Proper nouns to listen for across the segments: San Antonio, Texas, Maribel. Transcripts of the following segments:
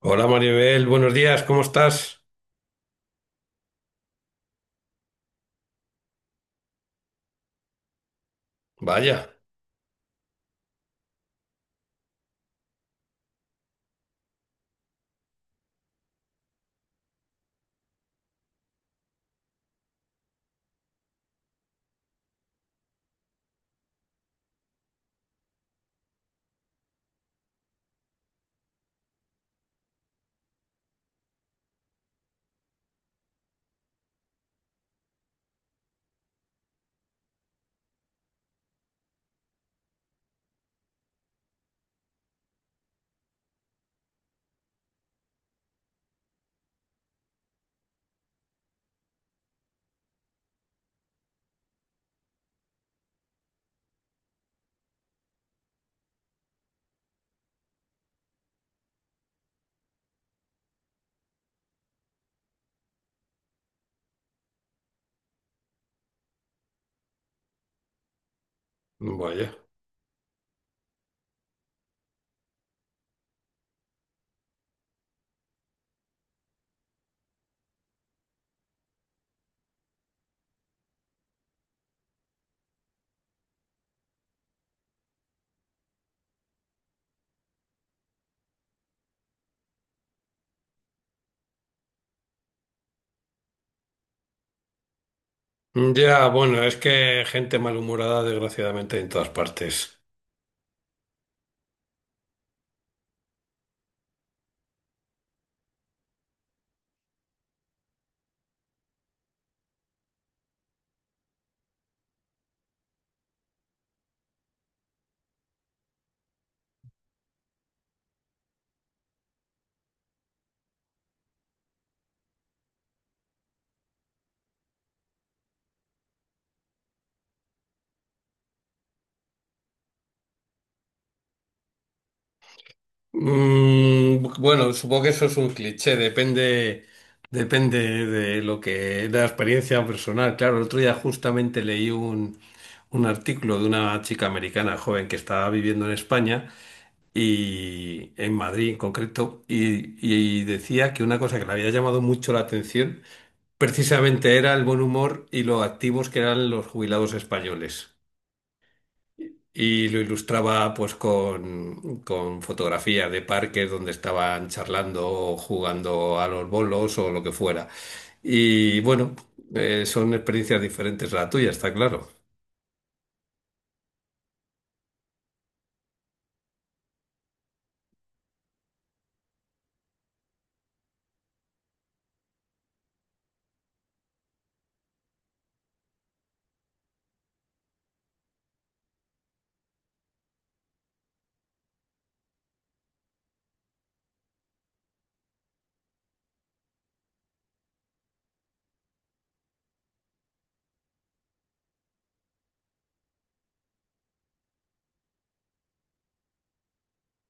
Hola Maribel, buenos días, ¿cómo estás? Vaya, vaya. Ya, bueno, es que gente malhumorada desgraciadamente en todas partes. Bueno, supongo que eso es un cliché, depende, depende de de la experiencia personal. Claro, el otro día justamente leí un artículo de una chica americana joven que estaba viviendo en España y en Madrid en concreto, y decía que una cosa que le había llamado mucho la atención precisamente era el buen humor y lo activos que eran los jubilados españoles. Y lo ilustraba pues con fotografías de parques donde estaban charlando o jugando a los bolos o lo que fuera. Y bueno, son experiencias diferentes a la tuya, está claro.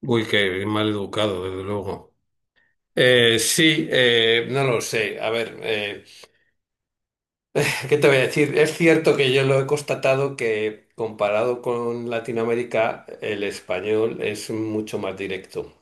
Uy, qué mal educado, desde luego. Sí, no lo sé. A ver, ¿qué te voy a decir? Es cierto que yo lo he constatado que comparado con Latinoamérica, el español es mucho más directo.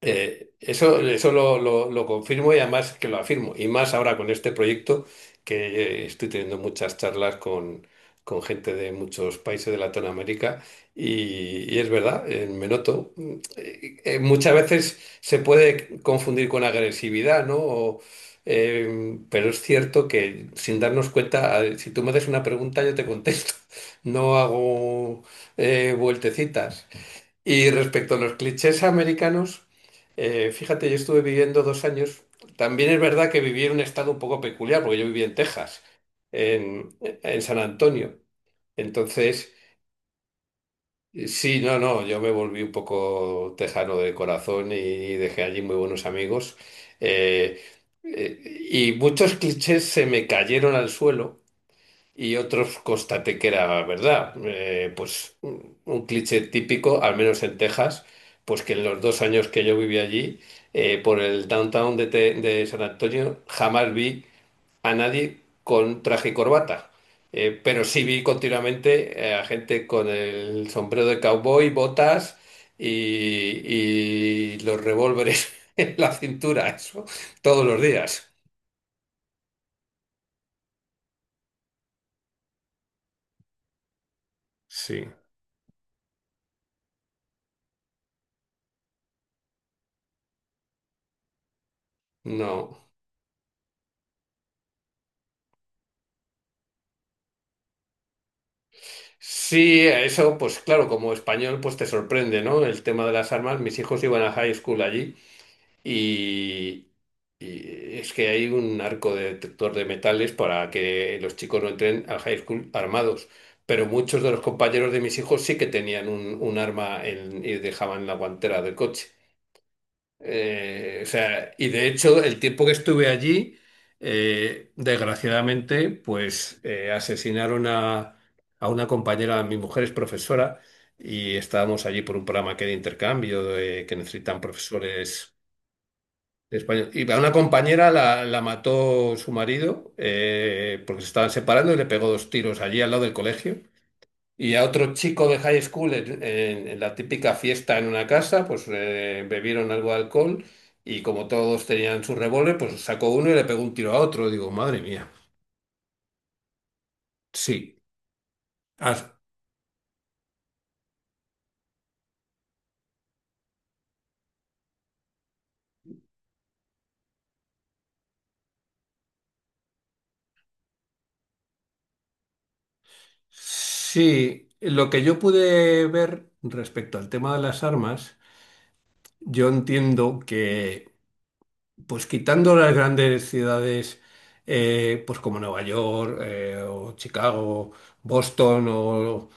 Lo confirmo y además que lo afirmo. Y más ahora con este proyecto que estoy teniendo muchas charlas con gente de muchos países de Latinoamérica y es verdad, me noto. Muchas veces se puede confundir con agresividad, ¿no? Pero es cierto que sin darnos cuenta, a si tú me haces una pregunta, yo te contesto. No hago vueltecitas. Y respecto a los clichés americanos, fíjate, yo estuve viviendo dos años. También es verdad que viví en un estado un poco peculiar, porque yo viví en Texas, en San Antonio. Entonces, sí, no, yo me volví un poco tejano de corazón y dejé allí muy buenos amigos. Eh, y muchos clichés se me cayeron al suelo. Y otros constaté que era verdad. Pues un cliché típico, al menos en Texas, pues que en los dos años que yo viví allí, por el downtown de San Antonio, jamás vi a nadie con traje y corbata. Pero sí vi continuamente a gente con el sombrero de cowboy, botas y, y los revólveres en la cintura, eso, todos los días. Sí. No. Sí, eso, pues claro, como español, pues te sorprende, ¿no? El tema de las armas. Mis hijos iban a high school allí y, y es que hay un arco de detector de metales para que los chicos no entren al high school armados. Pero muchos de los compañeros de mis hijos sí que tenían un arma y dejaban en la guantera del coche. O sea, y de hecho, el tiempo que estuve allí, desgraciadamente, pues asesinaron a una compañera, mi mujer es profesora, y estábamos allí por un programa que hay de intercambio, que necesitan profesores de español. Y a una compañera la mató su marido, porque se estaban separando y le pegó dos tiros allí al lado del colegio. Y a otro chico de high school en la típica fiesta en una casa, pues bebieron algo de alcohol y como todos tenían su revólver, pues sacó uno y le pegó un tiro a otro. Digo, madre mía. Sí. As- sí, lo que yo pude ver respecto al tema de las armas, yo entiendo que, pues quitando las grandes ciudades, pues como Nueva York o Chicago, Boston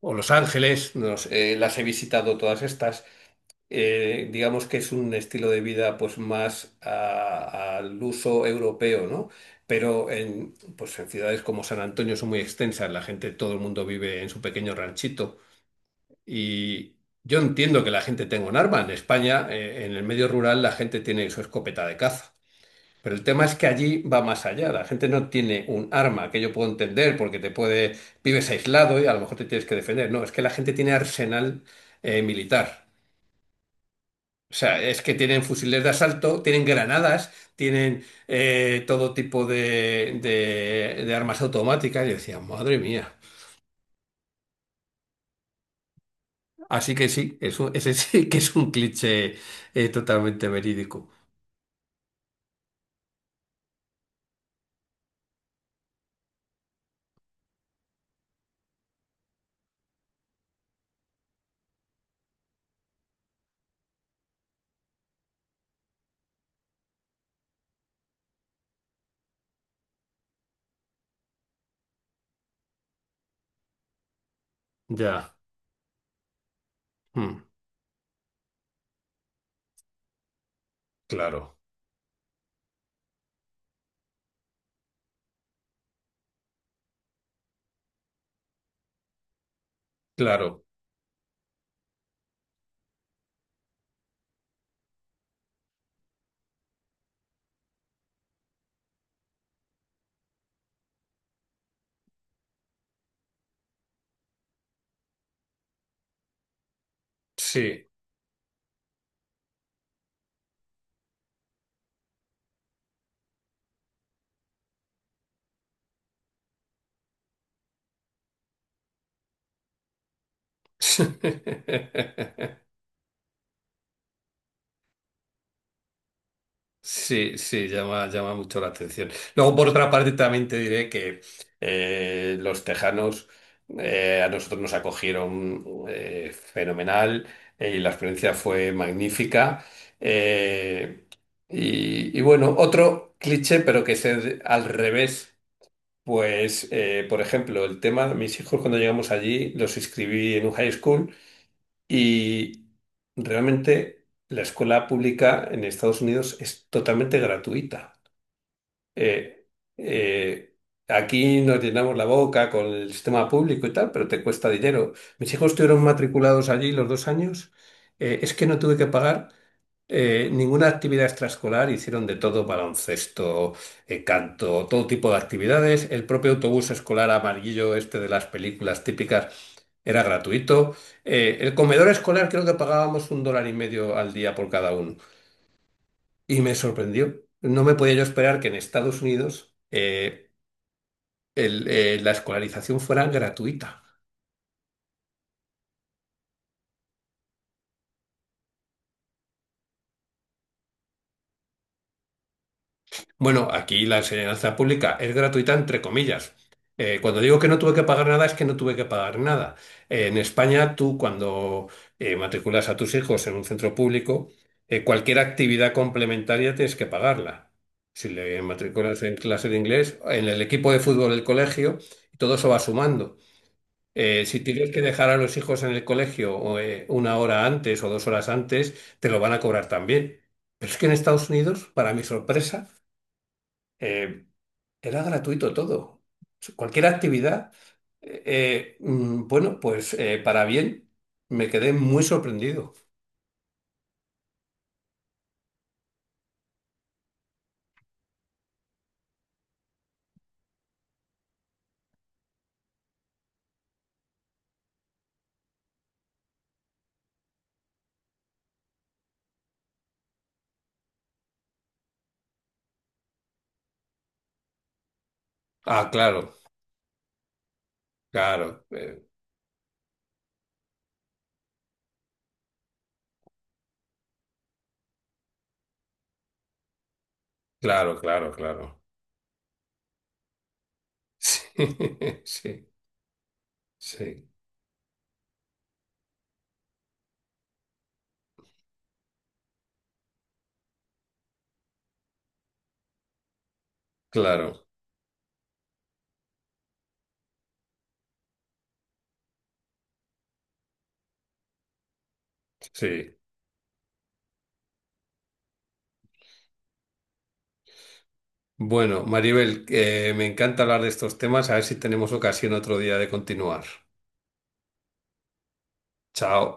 o Los Ángeles, no sé, las he visitado todas estas. Digamos que es un estilo de vida pues más al uso europeo, ¿no? Pero pues en ciudades como San Antonio son muy extensas, la gente, todo el mundo vive en su pequeño ranchito y yo entiendo que la gente tenga un arma. En España, en el medio rural, la gente tiene su escopeta de caza. Pero el tema es que allí va más allá. La gente no tiene un arma que yo puedo entender porque te puede, vives aislado y a lo mejor te tienes que defender. No, es que la gente tiene arsenal militar. O sea, es que tienen fusiles de asalto, tienen granadas, tienen todo tipo de armas automáticas. Y yo decía, madre mía. Así que sí, ese sí que es un cliché totalmente verídico. Ya. Mm, claro, claro. Sí. Sí, sí, llama, llama mucho la atención. Luego, por otra parte, también te diré que los tejanos a nosotros nos acogieron fenomenal, y la experiencia fue magnífica. Eh, y, y bueno, otro cliché, pero que es al revés, pues, por ejemplo, el tema, mis hijos cuando llegamos allí los inscribí en un high school. Y realmente la escuela pública en Estados Unidos es totalmente gratuita. Eh, eh, Aquí nos llenamos la boca con el sistema público y tal, pero te cuesta dinero. Mis hijos estuvieron matriculados allí los dos años. Es que no tuve que pagar ninguna actividad extraescolar, hicieron de todo, baloncesto, canto, todo tipo de actividades. El propio autobús escolar amarillo, este de las películas típicas, era gratuito. El comedor escolar creo que pagábamos un dólar y medio al día por cada uno. Y me sorprendió. No me podía yo esperar que en Estados Unidos la escolarización fuera gratuita. Bueno, aquí la enseñanza pública es gratuita entre comillas. Cuando digo que no tuve que pagar nada es que no tuve que pagar nada. En España tú cuando matriculas a tus hijos en un centro público, cualquier actividad complementaria tienes que pagarla. Si le matriculas en clase de inglés, en el equipo de fútbol del colegio, todo eso va sumando. Si tienes que dejar a los hijos en el colegio o, una hora antes o dos horas antes, te lo van a cobrar también. Pero es que en Estados Unidos, para mi sorpresa, eh, era gratuito todo. Cualquier actividad. Bueno, pues para bien, me quedé muy sorprendido. Ah, claro, claro, claro, claro, claro. Sí, sí, sí, claro, sí. Bueno, Maribel, me encanta hablar de estos temas. A ver si tenemos ocasión otro día de continuar. Chao.